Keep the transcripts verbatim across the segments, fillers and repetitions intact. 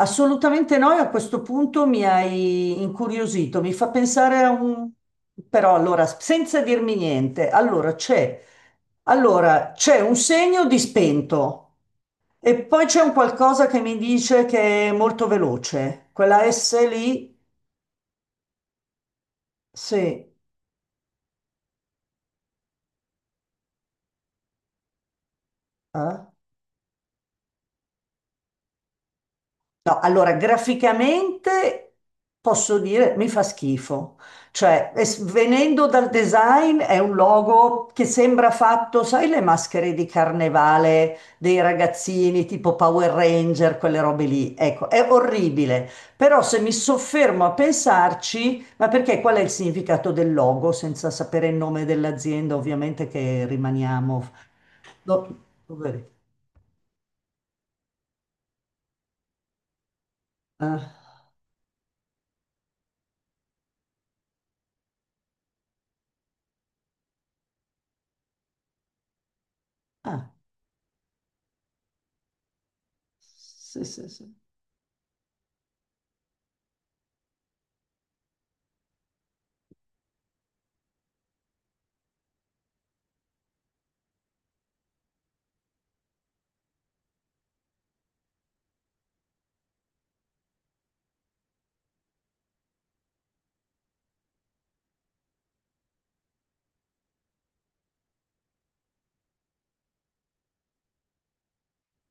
Assolutamente no, e a questo punto mi hai incuriosito, mi fa pensare a un. Però allora, senza dirmi niente, allora c'è allora, c'è un segno di spento e poi c'è un qualcosa che mi dice che è molto veloce, quella S lì, sì, eh? No, allora graficamente posso dire mi fa schifo. Cioè, es- venendo dal design, è un logo che sembra fatto, sai, le maschere di carnevale dei ragazzini tipo Power Ranger, quelle robe lì. Ecco, è orribile. Però se mi soffermo a pensarci, ma perché qual è il significato del logo, senza sapere il nome dell'azienda, ovviamente che rimaniamo. No, poveri. Eh, ah, sì, sì, sì.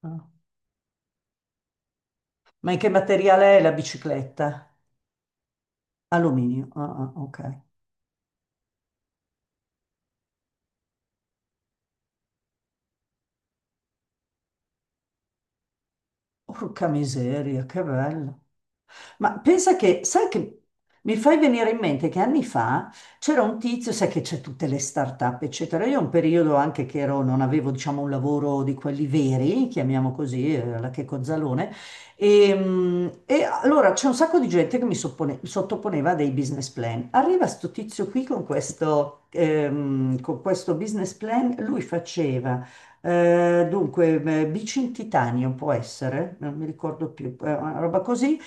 Ah. Ma in che materiale è la bicicletta? Alluminio. Ah, ah, ok. Porca miseria, che bello. Ma pensa che, sai che mi fai venire in mente che anni fa c'era un tizio, sai che c'è tutte le start-up, eccetera. Io un periodo anche che ero, non avevo, diciamo, un lavoro di quelli veri, chiamiamo così, eh, la che cozzalone. E, mm, e allora c'è un sacco di gente che mi soppone- sottoponeva a dei business plan. Arriva sto tizio qui con questo, ehm, con questo business plan, lui faceva. Eh, dunque, eh, bici in titanio può essere, non mi ricordo più, eh, una roba così,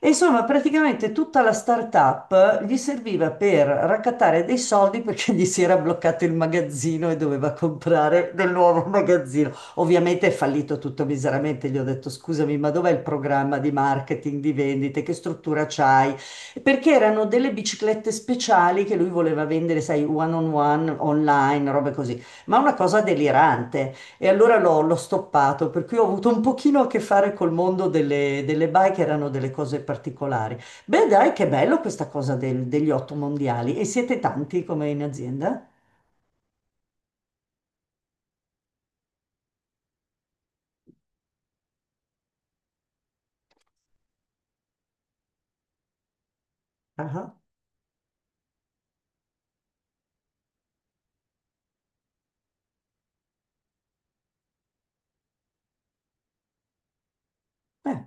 e insomma, praticamente tutta la startup gli serviva per raccattare dei soldi perché gli si era bloccato il magazzino e doveva comprare del nuovo magazzino. Ovviamente è fallito tutto miseramente. Gli ho detto: scusami, ma dov'è il programma di marketing, di vendite? Che struttura c'hai? Perché erano delle biciclette speciali che lui voleva vendere, sai, one on one, online, robe così. Ma una cosa delirante. E allora l'ho l'ho stoppato, per cui ho avuto un pochino a che fare col mondo delle, delle bike, erano delle cose particolari. Beh, dai, che bello questa cosa del- degli otto mondiali. E siete tanti come in azienda? Ah, eh,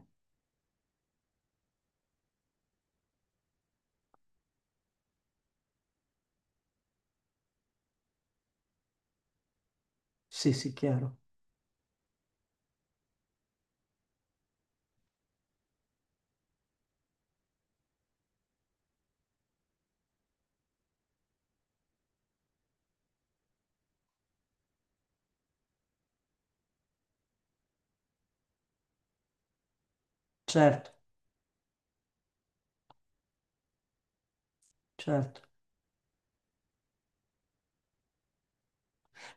sì, sì, chiaro. Certo, certo.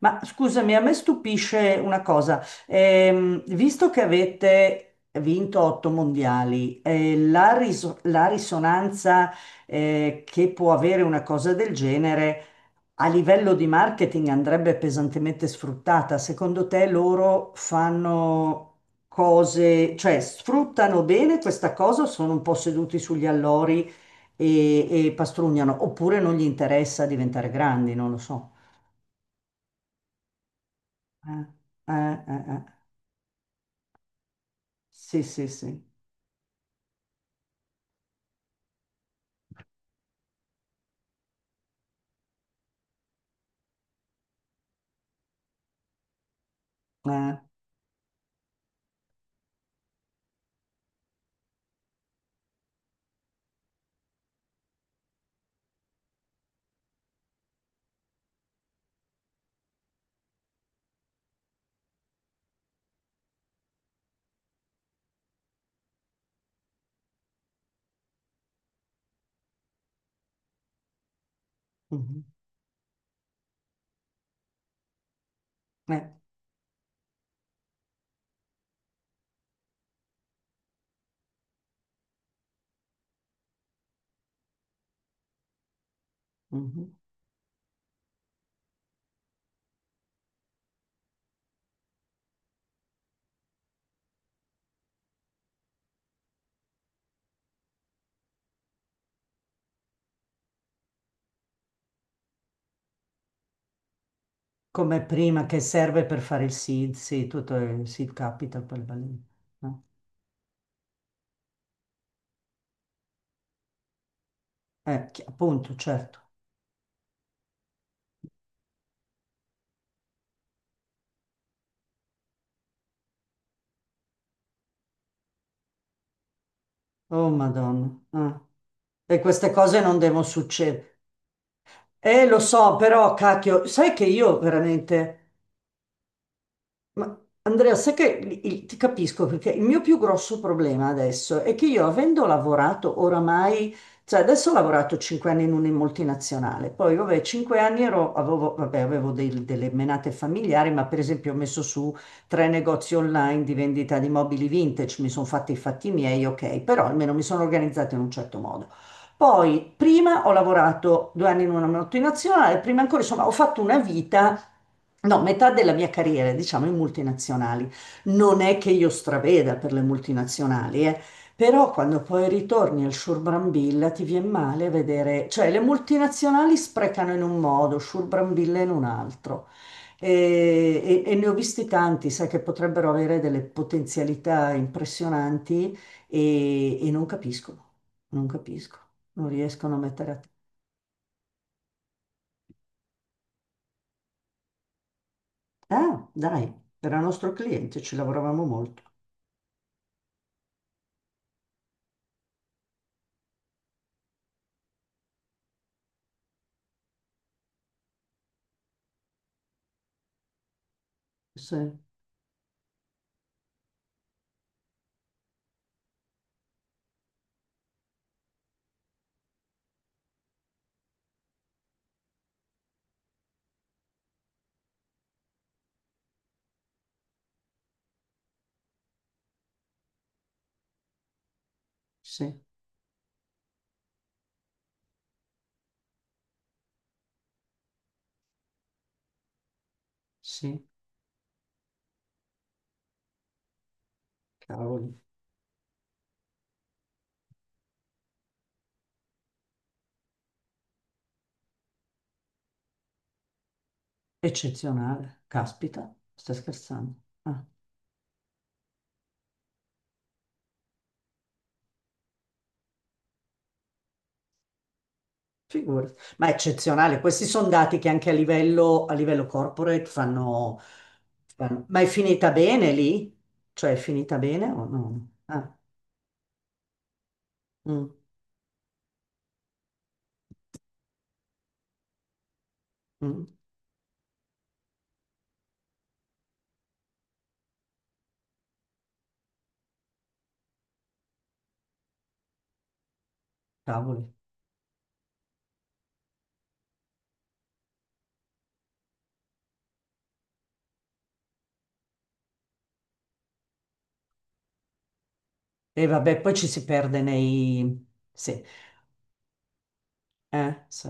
Ma scusami, a me stupisce una cosa. Ehm, visto che avete vinto otto mondiali, eh, la, riso- la risonanza, eh, che può avere una cosa del genere. A livello di marketing andrebbe pesantemente sfruttata. Secondo te loro fanno cose, cioè sfruttano bene questa cosa o sono un po' seduti sugli allori e, e pastrugnano? Oppure non gli interessa diventare grandi, non lo so. Eh, eh, eh, eh. Sì, sì, sì. Eh, mhm, eh, mhm. Come prima che serve per fare il seed, sì, tutto il seed capital, poi il baleno. No? Eh, chi- appunto, certo. Oh Madonna. Ah. E queste cose non devono succedere. Eh, lo so, però, cacchio, sai che io veramente. Ma Andrea, sai che il- il- ti capisco, perché il mio più grosso problema adesso è che io avendo lavorato oramai, cioè adesso ho lavorato cinque anni in una multinazionale, poi vabbè, cinque anni ero, avevo, vabbè, avevo dei- delle menate familiari, ma per esempio ho messo su tre negozi online di vendita di mobili vintage, mi sono fatti i fatti miei, ok, però almeno mi sono organizzata in un certo modo. Poi, prima ho lavorato due anni in una multinazionale, prima ancora, insomma, ho fatto una vita. No, metà della mia carriera, diciamo, in multinazionali. Non è che io straveda per le multinazionali, eh. Però quando poi ritorni al Sciurbrambilla ti viene male a vedere, cioè le multinazionali sprecano in un modo, Sciurbrambilla in un altro. E, e- e ne ho visti tanti, sai, che potrebbero avere delle potenzialità impressionanti e, e non capiscono, non capiscono, non riescono a mettere a. Ah, dai, era nostro cliente, ci lavoravamo molto. Sì. Sì, sì, cavoli. Eccezionale. Caspita, stai scherzando? Ah, figurati. Ma è eccezionale. Questi sono dati che anche a livello, a livello corporate fanno, fanno- Ma è finita bene lì? Cioè è finita bene o no? Ah, mm, mm, cavoli. E vabbè, poi ci si perde nei. Sì, eh, sì.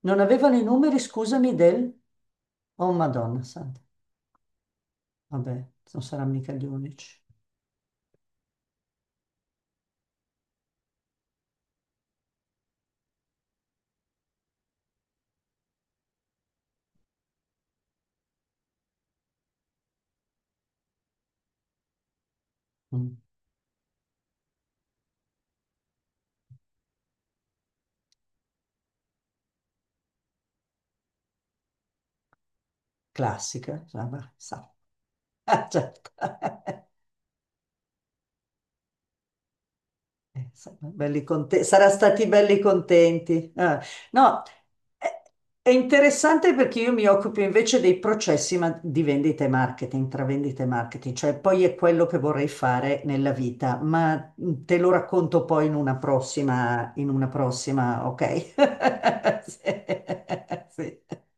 Non avevano i numeri, scusami, del. Oh, Madonna, santa. Vabbè, non saranno mica gli unici. Mm. Classica, sa- sa- Ah, certo. Sono belli conte- Sarà stati belli contenti. Ah. No, è è interessante perché io mi occupo invece dei processi ma- di vendita e marketing, tra vendita e marketing, cioè poi è quello che vorrei fare nella vita, ma mm, te lo racconto poi in una prossima, in una prossima, ok? Sì. Sì.